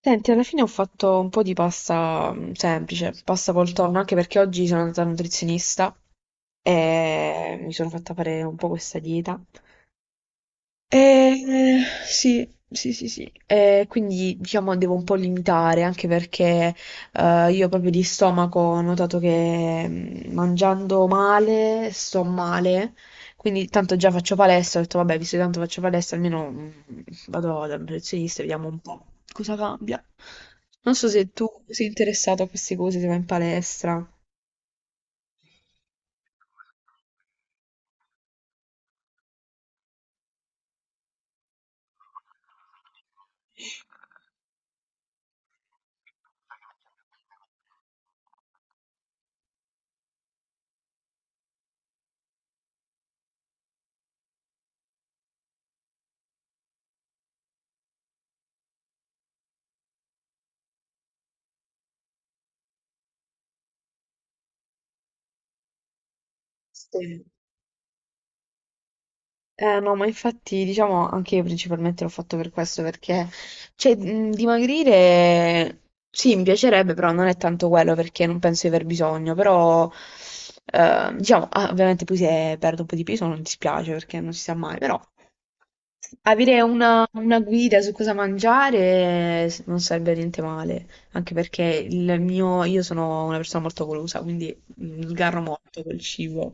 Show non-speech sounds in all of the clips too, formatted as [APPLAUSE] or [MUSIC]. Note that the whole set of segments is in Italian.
Senti, alla fine ho fatto un po' di pasta semplice, pasta col tonno, anche perché oggi sono andata al nutrizionista e mi sono fatta fare un po' questa dieta. Sì, sì, sì, sì. Quindi diciamo devo un po' limitare, anche perché io proprio di stomaco ho notato che, mangiando male sto male. Quindi, tanto già faccio palestra, ho detto vabbè, visto che tanto faccio palestra, almeno vado dal nutrizionista e vediamo un po' cosa cambia. Non so se tu sei interessato a queste cose, se vai in palestra. Sì. No, ma infatti, diciamo, anche io principalmente l'ho fatto per questo, perché, cioè, dimagrire, sì, mi piacerebbe, però non è tanto quello, perché non penso di aver bisogno. Però, diciamo, ovviamente poi se perdo un po' di peso non dispiace, perché non si sa mai. Però avere una guida su cosa mangiare non sarebbe niente male, anche perché il mio, io sono una persona molto golosa, quindi sgarro molto col cibo.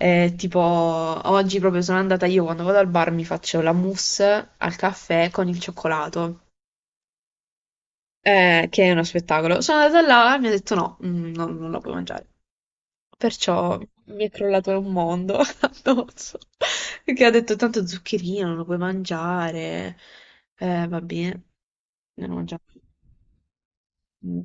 Tipo, oggi proprio sono andata io, quando vado al bar mi faccio la mousse al caffè con il cioccolato, che è uno spettacolo. Sono andata là e mi ha detto no, non, non la puoi mangiare. Perciò mi è crollato un mondo [LAUGHS] addosso. Perché ha detto tanto zuccherino, non lo puoi mangiare. Va bene, non lo mangiamo. Mm.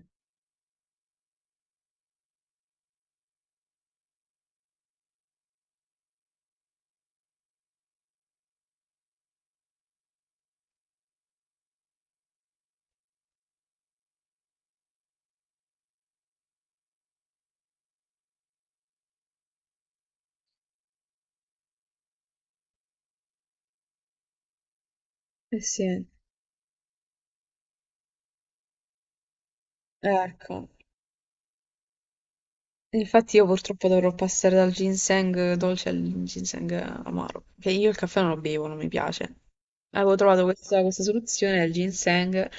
Eh sì, ecco. Infatti io purtroppo dovrò passare dal ginseng dolce al ginseng amaro. Perché io il caffè non lo bevo, non mi piace. Avevo trovato questa, questa soluzione del ginseng.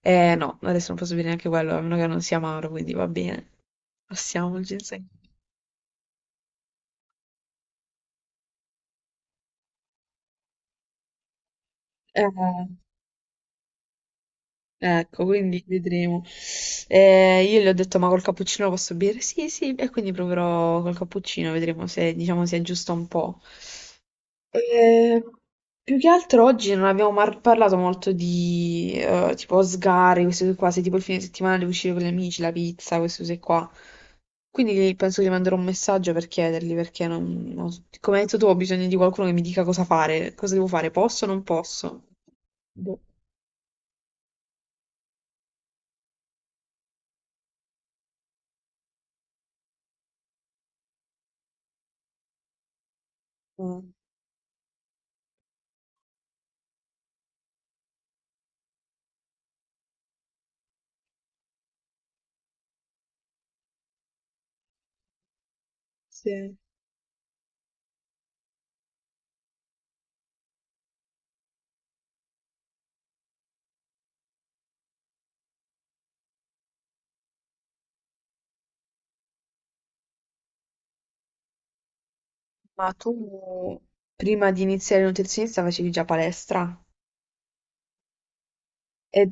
Eh no, adesso non posso bere neanche quello, a meno che non sia amaro, quindi va bene. Passiamo il ginseng. Eh, Ecco, quindi vedremo. Io le ho detto, ma col cappuccino lo posso bere? Sì, sì, e quindi proverò col cappuccino, vedremo se, diciamo, si aggiusta un po'. Eh, più che altro oggi non abbiamo parlato molto di, tipo, sgari, queste cose qua, se tipo il fine settimana devo uscire con gli amici, la pizza, queste cose qua. Quindi penso che gli manderò un messaggio per chiedergli, perché non, non so. Come hai detto tu, ho bisogno di qualcuno che mi dica cosa fare, cosa devo fare, posso o non posso? Boh. eh, Sì. Ma tu prima di iniziare il nutrizionista facevi già palestra? E...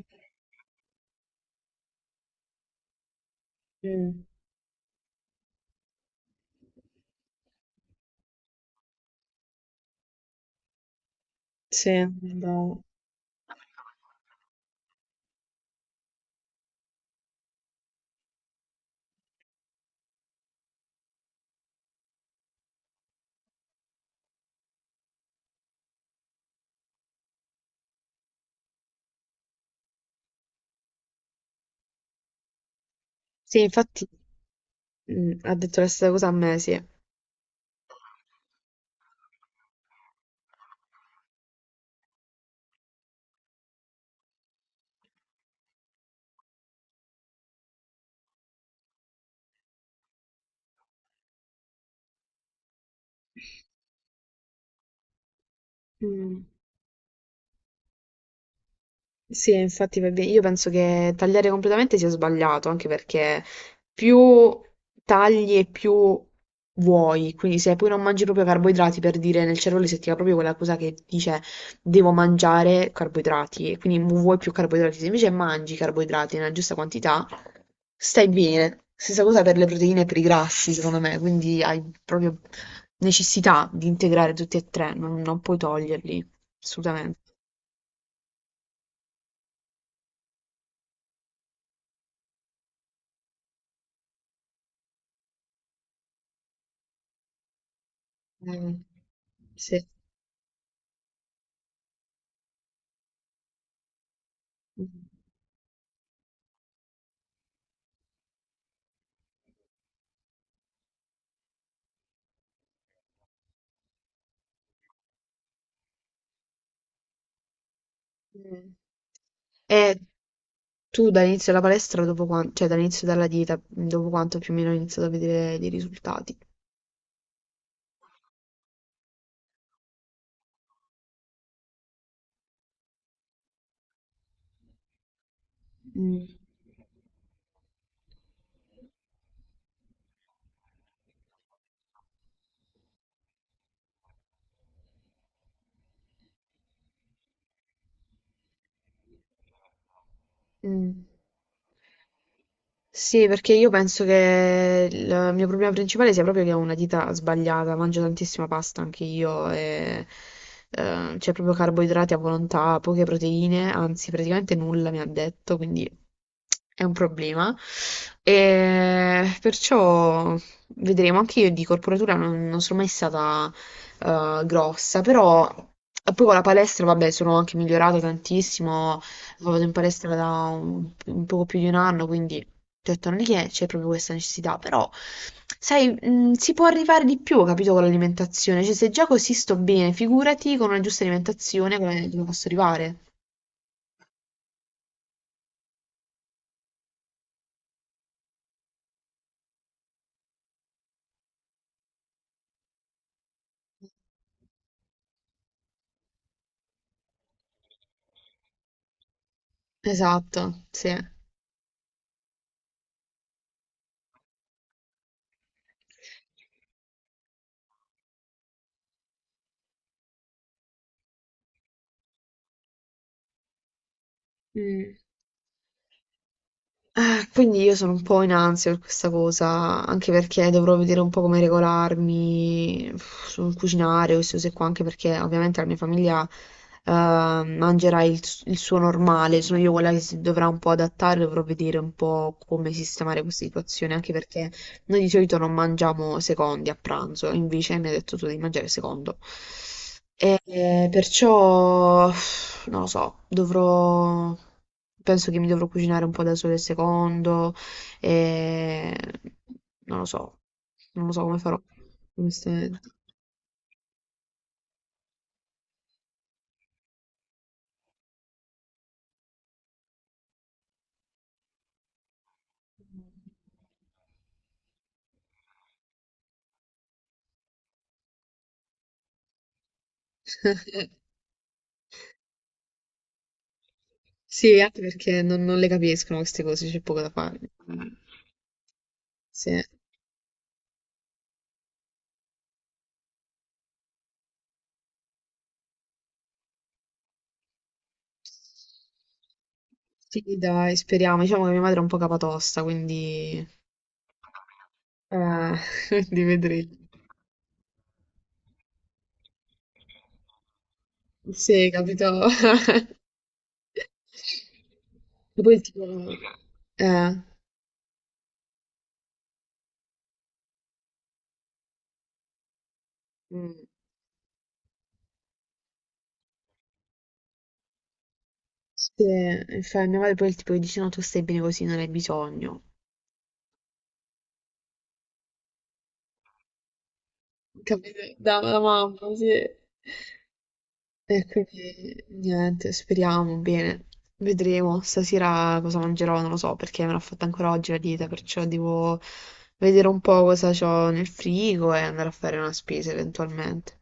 Mm. Sì, andavo. Sì, infatti ha detto la stessa cosa a me, sì. Mm. Sì, infatti va bene. Io penso che tagliare completamente sia sbagliato, anche perché più tagli e più vuoi. Quindi se poi non mangi proprio carboidrati, per dire, nel cervello si attiva proprio quella cosa che dice devo mangiare carboidrati, e quindi vuoi più carboidrati. Se invece mangi carboidrati nella giusta quantità, stai bene. Stessa cosa per le proteine e per i grassi, secondo me. Quindi hai proprio necessità di integrare tutti e tre, non, non puoi toglierli, assolutamente. Mm. Sì. Mm. E tu dall'inizio della palestra, dopo cioè dall'inizio della dieta, dopo quanto più o meno hai iniziato a vedere dei risultati? Mm. Mm. Sì, perché io penso che il mio problema principale sia proprio che ho una dieta sbagliata, mangio tantissima pasta anche io. E, c'è proprio carboidrati a volontà, poche proteine, anzi praticamente nulla mi ha detto, quindi è un problema. E perciò vedremo, anche io di corporatura non, non sono mai stata grossa. Però poi con la palestra, vabbè, sono anche migliorata tantissimo, vado in palestra da un poco più di un anno, quindi ti ho detto negli è c'è proprio questa necessità. Però sai, si può arrivare di più, capito, con l'alimentazione, cioè se già così sto bene, figurati con una giusta alimentazione come dove posso arrivare. Esatto, sì. Mm. Quindi io sono un po' in ansia per questa cosa, anche perché dovrò vedere un po' come regolarmi sul cucinare o queste cose qua, anche perché ovviamente la mia famiglia mangerà il suo normale, sono io quella che si dovrà un po' adattare, dovrò vedere un po' come sistemare questa situazione, anche perché noi di solito non mangiamo secondi a pranzo, invece mi hai detto tu di mangiare secondo. E, perciò, non lo so, dovrò, penso che mi dovrò cucinare un po' da sola il secondo, e non lo so, non lo so come farò, onestamente. [LAUGHS] Sì, anche perché non, non le capiscono queste cose, c'è poco da fare. Sì. Sì, dai, speriamo. Diciamo che mia madre è un po' capatosta, quindi, eh, [LAUGHS] quindi vedremo. Sì, capito? [LAUGHS] Poi tipo, eh, Mm. Cioè, mia madre poi tipo dice no, tu stai bene così, non hai bisogno. Capito? Da, da mamma, sì. E quindi niente, speriamo bene. Vedremo stasera cosa mangerò, non lo so, perché me l'ho fatta ancora oggi la dieta, perciò devo vedere un po' cosa ho nel frigo e andare a fare una spesa eventualmente.